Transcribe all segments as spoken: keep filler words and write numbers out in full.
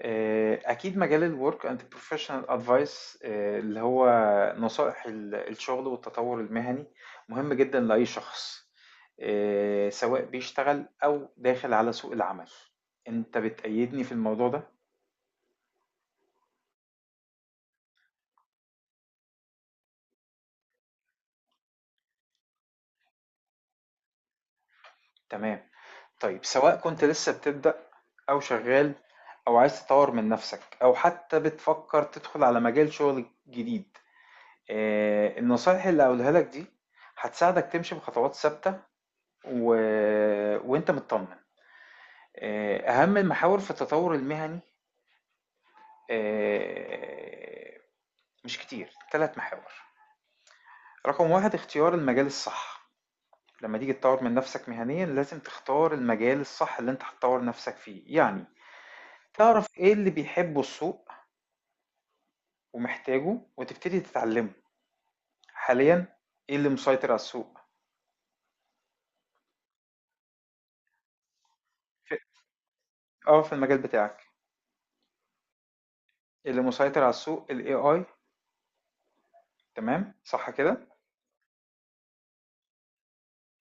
آه، أكيد مجال الورك أند بروفيشنال أدفايس اللي هو نصائح ال- الشغل والتطور المهني مهم جدا لأي شخص، آه، سواء بيشتغل أو داخل على سوق العمل. أنت بتأيدني في الموضوع ده؟ تمام. طيب، سواء كنت لسه بتبدأ أو شغال أو عايز تطور من نفسك أو حتى بتفكر تدخل على مجال شغل جديد، آه، النصائح اللي هقولها لك دي هتساعدك تمشي بخطوات ثابتة و... وانت مطمن. آه، اهم المحاور في التطور المهني، آه، مش كتير ثلاث محاور. رقم واحد اختيار المجال الصح. لما تيجي تطور من نفسك مهنيا لازم تختار المجال الصح اللي انت هتطور نفسك فيه. يعني تعرف ايه اللي بيحبه السوق ومحتاجه وتبتدي تتعلمه. حاليا ايه اللي مسيطر على السوق؟ في- اه، في المجال بتاعك إيه اللي مسيطر على السوق؟ ال ايه اي. تمام صح كده.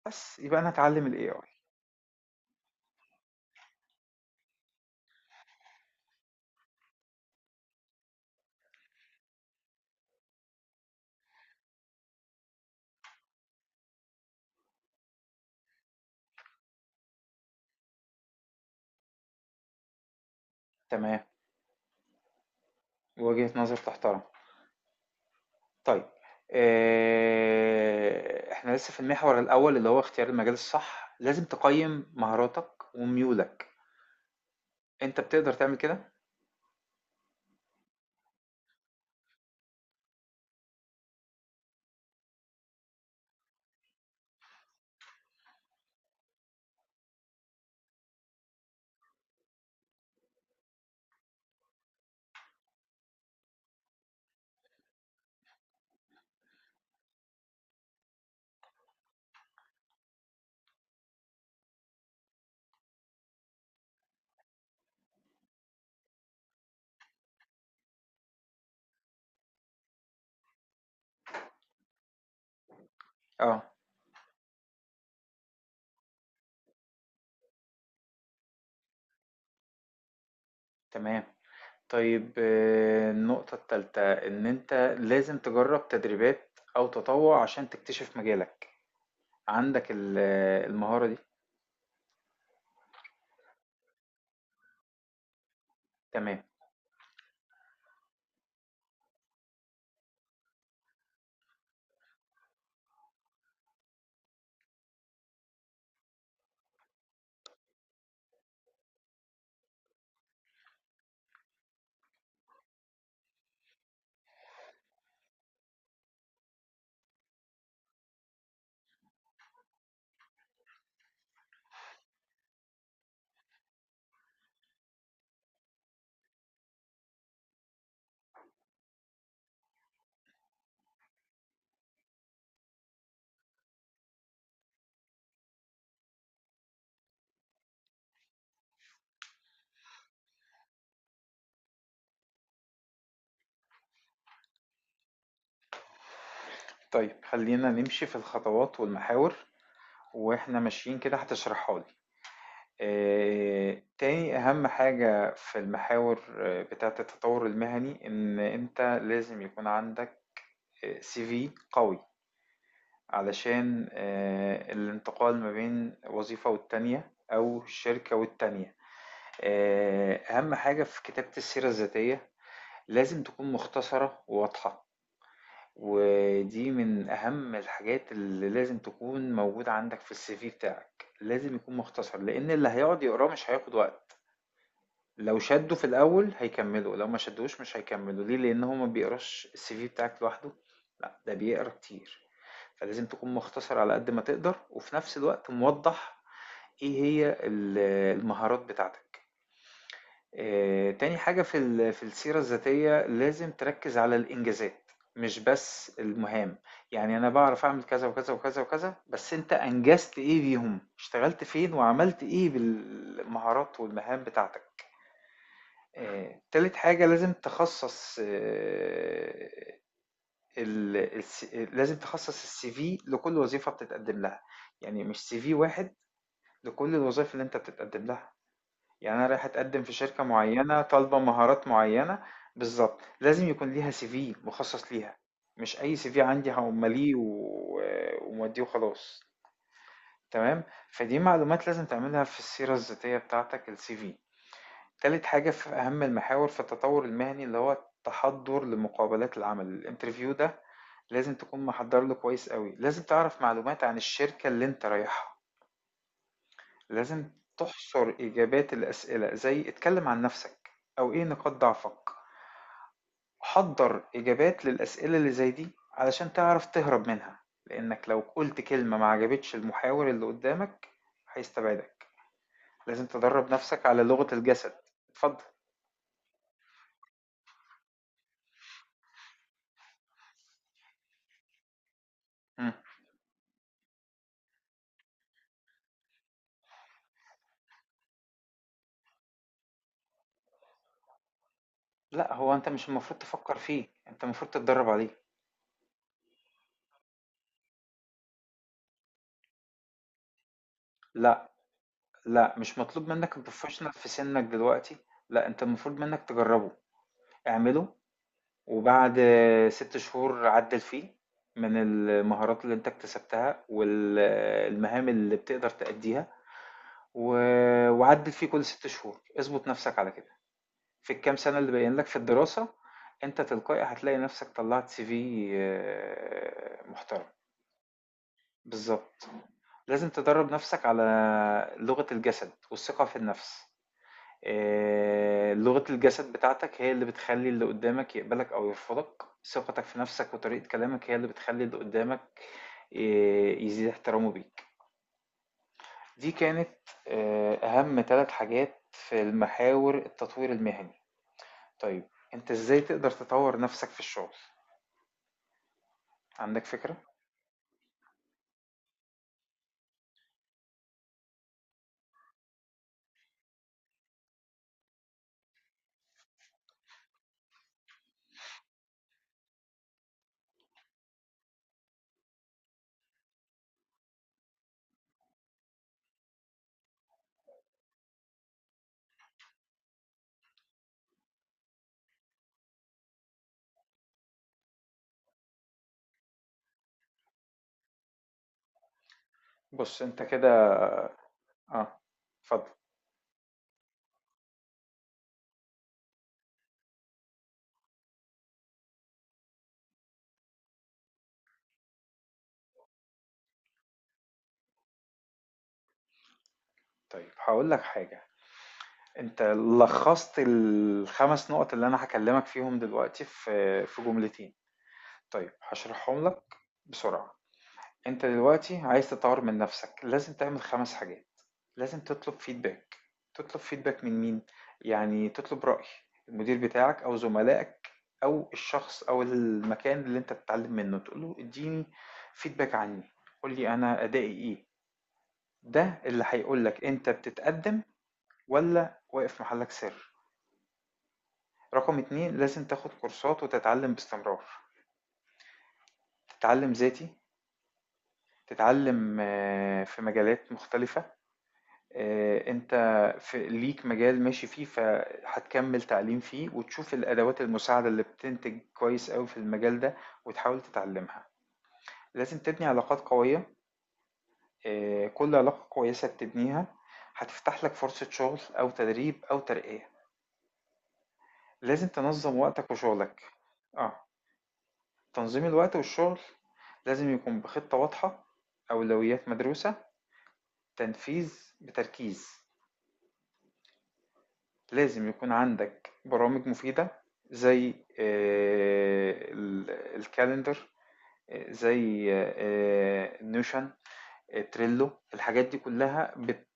بس يبقى انا هتعلم ال ايه اي. تمام. وجهة نظر تحترم. طيب، آه، احنا لسه في المحور الاول اللي هو اختيار المجال الصح. لازم تقيم مهاراتك وميولك. انت بتقدر تعمل كده؟ اه، تمام. طيب، آه، النقطة التالتة ان انت لازم تجرب تدريبات او تطوع عشان تكتشف مجالك. عندك ال- آه، المهارة دي؟ تمام. طيب خلينا نمشي في الخطوات والمحاور واحنا ماشيين كده هتشرحها لي. آآ، تاني أهم حاجة في المحاور آه، بتاعة التطوّر المهني، إن أنت لازم يكون عندك آآ سي في قوي، علشان آآ الانتقال ما بين وظيفة والتانية أو شركة والتانية. آآ، أهم حاجة في كتابة السيرة الذاتية لازم تكون مختصرة وواضحة، ودي من أهم الحاجات اللي لازم تكون موجودة عندك في الCV بتاعك. لازم يكون مختصر، لإن اللي هيقعد يقراه مش هياخد وقت. لو شدوا في الأول هيكملوا، لو ما شدوش مش هيكملوا. ليه؟ لأن هو ما بيقراش السي في بتاعك لوحده، لأ ده بيقرا كتير. فلازم تكون مختصر على قد ما تقدر وفي نفس الوقت موضح إيه هي ال- المهارات بتاعتك. آه، تاني حاجة في ال- في السيرة الذاتية لازم تركز على الإنجازات، مش بس المهام. يعني أنا بعرف أعمل كذا وكذا وكذا وكذا، بس أنت أنجزت إيه بيهم؟ اشتغلت فين وعملت إيه بالمهارات والمهام بتاعتك؟ آه، تالت حاجة لازم تخصص آه، ال... الس- لازم تخصص السي في لكل وظيفة بتتقدم لها. يعني مش سي في واحد لكل الوظائف اللي انت بتتقدم لها. يعني انا رايح اتقدم في شركة معينة طالبة مهارات معينة، بالظبط لازم يكون ليها سي في مخصص ليها. مش اي سي في عندي هقمليه و... وموديه وخلاص. تمام. فدي معلومات لازم تعملها في السيرة الذاتية بتاعتك، السي في. تالت حاجة في أهم المحاور في التطور المهني اللي هو التحضر لمقابلات العمل، الانترفيو ده لازم تكون محضر له كويس قوي. لازم تعرف معلومات عن الشركة اللي انت رايحها. لازم تحصر إجابات الأسئلة زي اتكلم عن نفسك أو ايه نقاط ضعفك. حضر إجابات للأسئلة اللي زي دي علشان تعرف تهرب منها، لأنك لو قلت كلمة ما عجبتش المحاور اللي قدامك هيستبعدك. لازم تدرب نفسك على لغة الجسد. اتفضل. مم. لأ، هو أنت مش المفروض تفكّر فيه، أنت المفروض تتدرّب عليه. لأ، لأ، مش مطلوب منّك الprofessional في سِنّك دلوقتي. لأ، أنت المفروض منّك تجرّبه، اعمله وبعد 6 شهور عدّل فيه من المهارات اللي أنت اكتسبتها وال المهام اللي بتقدر تأدّيها و وعدّل فيه كل 6 شهور. اضبط نَفْسك على كده في الكام سَنة اللي باقيين لك في الدراسة. أنت تلقائي هتلاقي نَفْسك طلّعت سي في محترم. بالضبط. لازم تدرّب نَفْسك على لغة الجسد والثقة في النَفْس. آآ لغة الجسد بتاعتك هي اللي بتخلّي اللي قُدّامك يقبلك أو يرفضك، ثقتك في نَفْسك وطريقة كلامك هي اللي بتخلّي اللي قُدّامك آآ يزيد احترامه بيك. دي كانت آآ أهم 3 حاجات في المحاور التطوير المهني. طيب، أنت إزاي تقدر تطوّر نَفْسك في الشغل؟ عندك فكرة؟ بُص أنت كده، آه، اتفضل. طيب هاقول لك حاجة. انت لخصت الخمس نقط اللي انا هكلمك فيهم دلوقتي في في جملتين. طيب هشرحهم لك بسرعة. انت دلوقتي عايز تطور من نفسك لازم تعمل خمس حاجات. لازم تطلب فيدباك. تطلب فيدباك من مين؟ يعني تطلب رأي المدير بتاعك او زملائك او الشخص او المكان اللي انت بتتعلم منه. تقول له اديني فيدباك عني، قول لي انا ادائي ايه. ده اللي هيقول لك انت بتتقدم ولا واقف محلك سر. رقم اتنين لازم تاخد كورسات وتتعلم باستمرار. تتعلم ذاتي. تتعلم آه، في مجالات مختلفة. آه، انت في ليك مجال ماشي فيه، فهتكمل تعليم فيه وتشوف الادوات المساعدة اللي بتنتج كويس قوي في المجال ده وتحاول تتعلمها. لازم تبني علاقات قوية. آه، كل علاقة كويسة بتبنيها هتفتح لك فرصة شغل او تدريب او ترقية. لازم تنظم وقتك وشغلك. اه، تنظيم الوقت والشغل لازم يكون بخطة واضحة، أولويات مدروسة، تنفيذ بتركيز. لازم يكون عندك برامج مفيدة زي الكالندر، آه، زي آه، نوشن، آه، تريلو. الحاجات دي كلها بت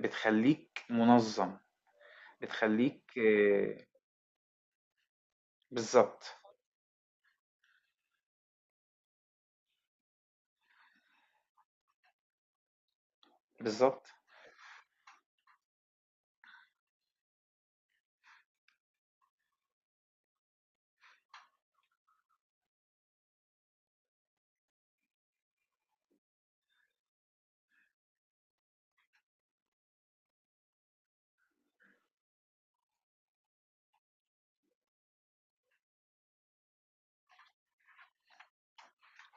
بتخليك منظم، بتخليك آه، بالظبط. بالظبط.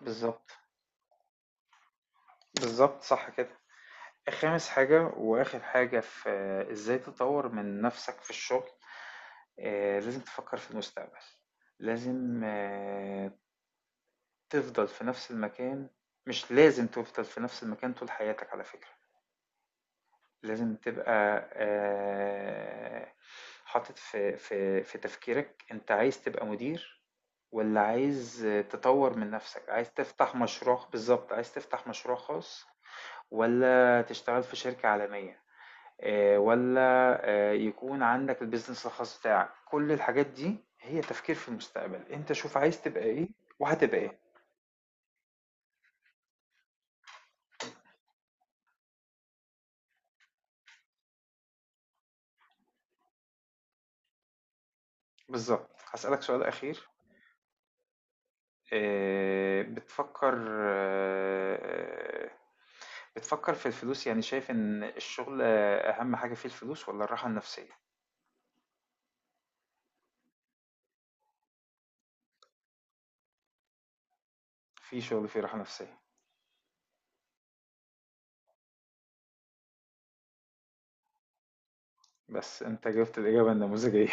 بالظبط. بالظبط، صح كده. خامس حاجة وآخر حاجة في آه، إزاي تطور من نفسك في الشغل. آه، لازم تفكر في المستقبل. لازم آه، تفضل في نفس المكان. مش لازم تفضل في نفس المكان طول حياتك على فكرة. لازم تبقى آه، حاطط في في في تفكيرك. أنت عايز تبقى مدير ولا عايز تطور من نفسك؟ عايز تفتح مشروع؟ بالظبط عايز تفتح مشروع خاص، ولا تشتغل في شركة عالمية، آه، ولا آه، يكون عندك البيزنس الخاص بتاعك. كل الحاجات دي هي تفكير في المستقبل. انت شوف عايز تبقى ايه وهتبقى ايه. بالظبط. هسألك سؤال أخير. آه، بتفكر آه، بتفكر في الفلوس؟ يعني شايف ان الشغل آه، أهم حاجة فيه الفلوس ولا الراحة النفسية؟ في شغل فيه راحة نفسية. بس انت جبت الإجابة النموذجية.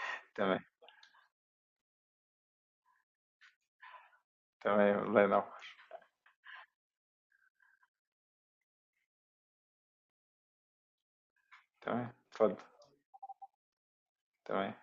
تمام. تمام، الله ينور. تمام، اتفضل. تمام.